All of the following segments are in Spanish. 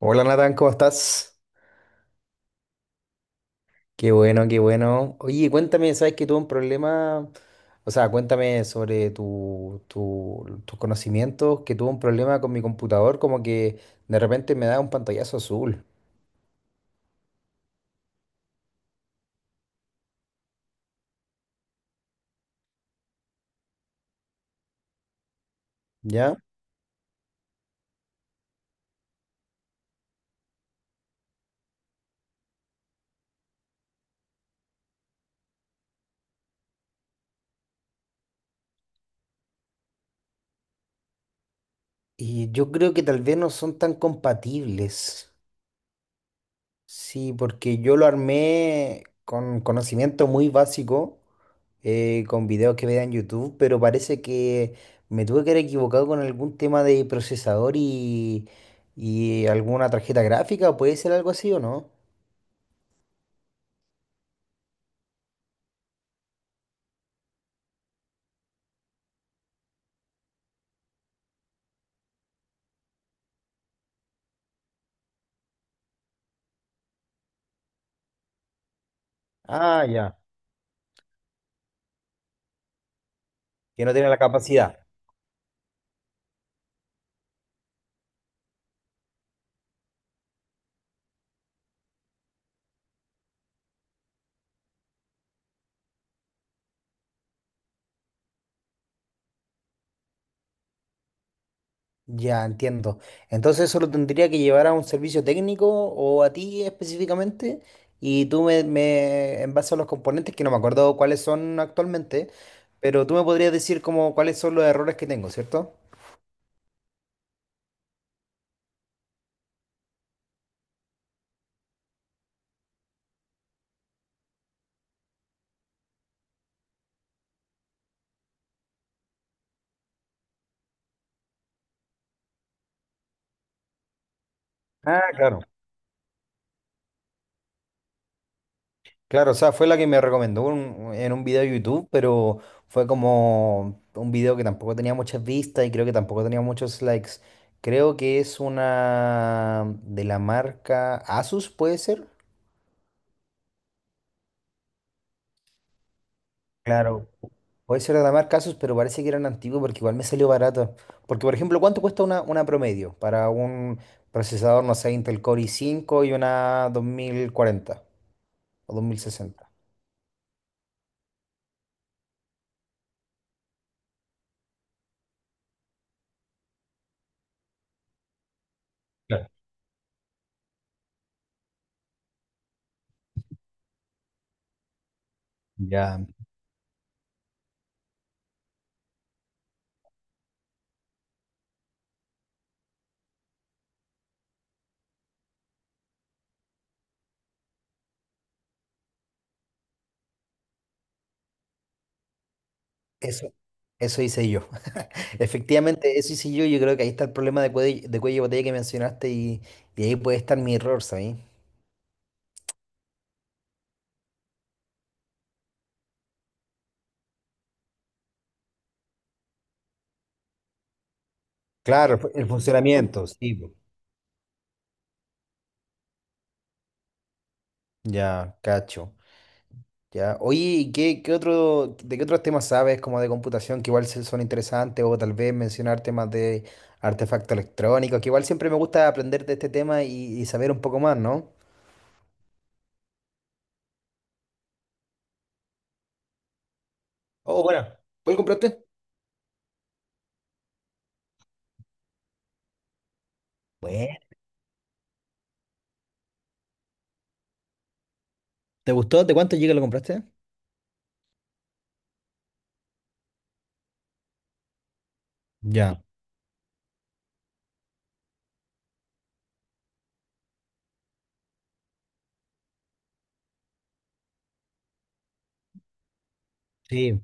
Hola Natán, ¿cómo estás? Qué bueno, qué bueno. Oye, cuéntame, ¿sabes que tuve un problema? O sea, cuéntame sobre tus conocimientos, que tuve un problema con mi computador, como que de repente me da un pantallazo azul, ¿ya? Y yo creo que tal vez no son tan compatibles. Sí, porque yo lo armé con conocimiento muy básico. Con videos que veía en YouTube, pero parece que me tuve que haber equivocado con algún tema de procesador y alguna tarjeta gráfica, ¿puede ser algo así o no? Ah, ya, que no tiene la capacidad. Ya, entiendo. Entonces eso lo tendría que llevar a un servicio técnico o a ti específicamente, y tú me en base a los componentes, que no me acuerdo cuáles son actualmente, pero tú me podrías decir como cuáles son los errores que tengo, ¿cierto? Ah, claro. Claro, o sea, fue la que me recomendó en un video de YouTube, pero fue como un video que tampoco tenía muchas vistas y creo que tampoco tenía muchos likes. Creo que es una de la marca Asus, ¿puede ser? Claro. Puede ser de la marca Asus, pero parece que eran antiguos porque igual me salió barato. Porque, por ejemplo, ¿cuánto cuesta una promedio para un procesador, no sé, Intel Core i5 y una 2040 o 2060? Claro. Ya, eso, eso hice yo. Efectivamente, eso sí, yo creo que ahí está el problema de cuello de botella que mencionaste y ahí puede estar mi error, ¿sabes? Claro, el funcionamiento, sí. po. Ya, cacho. Ya. Oye, ¿y qué, otro, de qué otros temas sabes como de computación que igual son interesantes o tal vez mencionar temas de artefactos electrónicos, que igual siempre me gusta aprender de este tema y saber un poco más, ¿no? Oh, bueno. ¿Cuál compraste? Bueno. ¿Te gustó? ¿De cuánto llega lo compraste? Ya. Sí,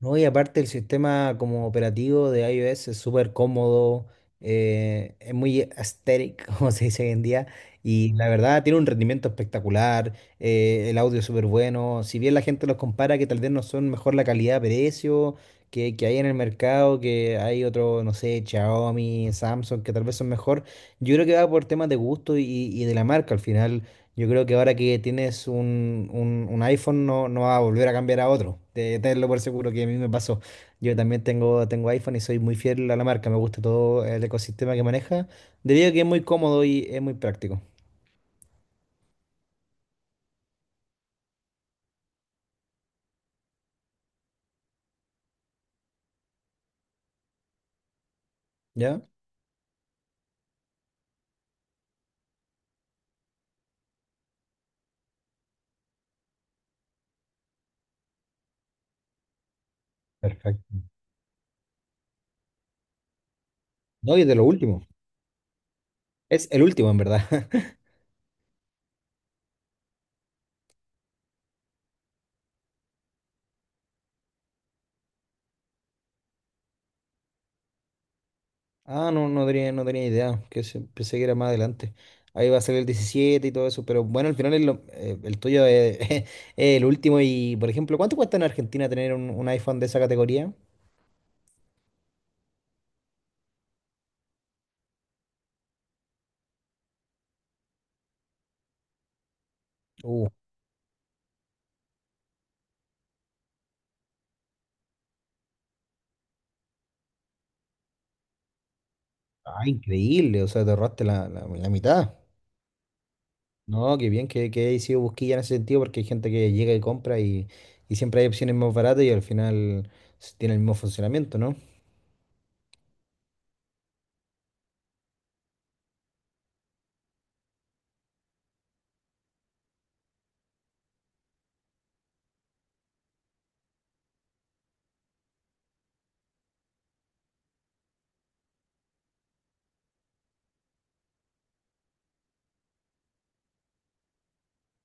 no, y aparte el sistema como operativo de iOS es súper cómodo, es muy aesthetic, como se dice hoy en día, y la verdad tiene un rendimiento espectacular. El audio es súper bueno, si bien la gente los compara que tal vez no son mejor la calidad-precio que hay en el mercado, que hay otro, no sé, Xiaomi, Samsung, que tal vez son mejor, yo creo que va por temas de gusto y de la marca al final. Yo creo que ahora que tienes un, un iPhone no va a volver a cambiar a otro. Tenlo por seguro que a mí me pasó. Yo también tengo iPhone y soy muy fiel a la marca. Me gusta todo el ecosistema que maneja, debido a que es muy cómodo y es muy práctico. ¿Ya? Perfecto. No, y es de lo último. Es el último, en verdad. Ah, no, no tenía idea. Que pensé que era más adelante. Ahí va a salir el 17 y todo eso. Pero bueno, al final es el tuyo es, es el último. Y, por ejemplo, ¿cuánto cuesta en Argentina tener un, iPhone de esa categoría? Uh, Ah, increíble, o sea, te ahorraste la, la mitad. No, qué bien que he sido busquilla en ese sentido, porque hay gente que llega y compra y siempre hay opciones más baratas y al final tiene el mismo funcionamiento, ¿no?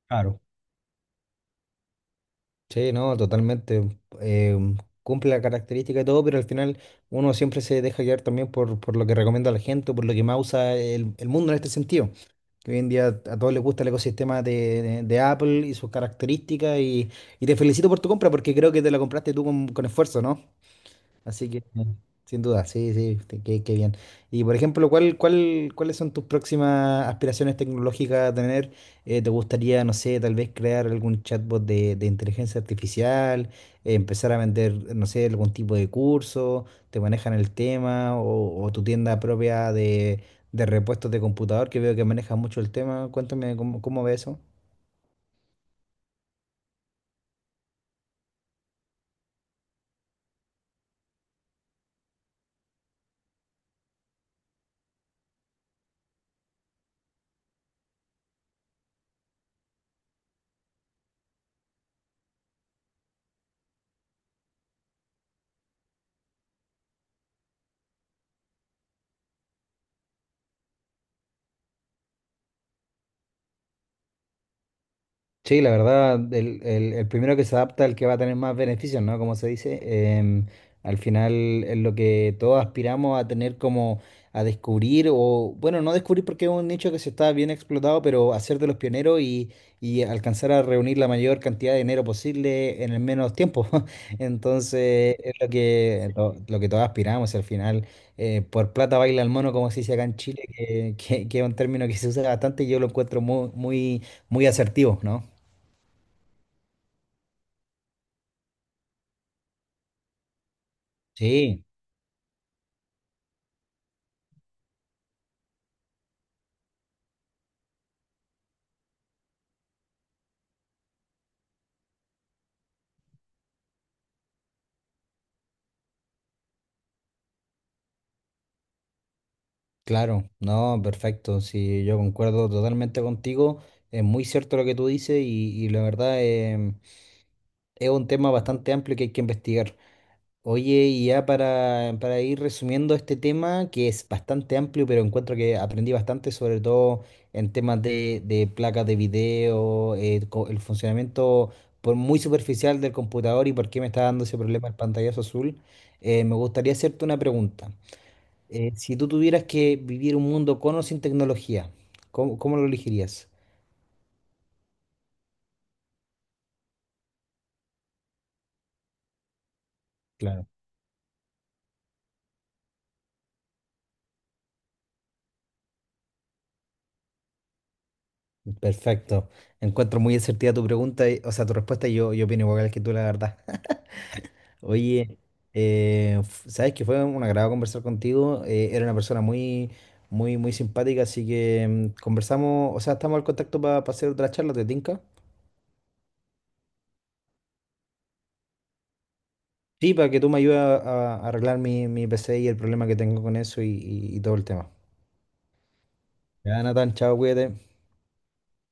Claro. Sí, no, totalmente. eh, Cumple la característica y todo, pero al final uno siempre se deja guiar también por lo que recomienda la gente, por lo que más usa el mundo en este sentido. Que hoy en día a todos les gusta el ecosistema de, de Apple y sus características y te felicito por tu compra porque creo que te la compraste tú con esfuerzo, ¿no? Así que, sin duda, sí, sí, qué bien. Y por ejemplo, cuáles son tus próximas aspiraciones tecnológicas a tener? ¿Te gustaría, no sé, tal vez crear algún chatbot de inteligencia artificial, empezar a vender, no sé, algún tipo de curso, te manejan el tema, o tu tienda propia de, repuestos de computador, que veo que manejas mucho el tema? Cuéntame cómo ves eso. Sí, la verdad, el, el primero que se adapta, el que va a tener más beneficios, ¿no? Como se dice, em, al final es lo que todos aspiramos a tener como a descubrir, o bueno, no descubrir porque es un nicho que se está bien explotado, pero hacer de los pioneros y alcanzar a reunir la mayor cantidad de dinero posible en el menos tiempo. Entonces, es lo que todos aspiramos, al final, por plata baila el mono, como se dice acá en Chile, que es un término que se usa bastante y yo lo encuentro muy, muy, muy asertivo, ¿no? Sí, claro, no, perfecto. Sí, yo concuerdo totalmente contigo. Es muy cierto lo que tú dices y la verdad es un tema bastante amplio que hay que investigar. Oye, y ya para ir resumiendo este tema, que es bastante amplio, pero encuentro que aprendí bastante, sobre todo en temas de, placas de video, el funcionamiento por muy superficial del computador y por qué me está dando ese problema el pantallazo azul. Me gustaría hacerte una pregunta. Si tú tuvieras que vivir un mundo con o sin tecnología, ¿cómo lo elegirías? Claro. Perfecto. Encuentro muy asertiva tu pregunta, o sea, tu respuesta, y yo opino igual que tú, la verdad. Oye, sabes que fue un agrado conversar contigo. Era una persona muy, muy, muy simpática, así que conversamos, o sea, estamos al contacto para hacer otra charla, ¿te tinca? Sí, para que tú me ayudes a arreglar mi PC y el problema que tengo con eso y todo el tema. Ya, Natán, chao, cuídate.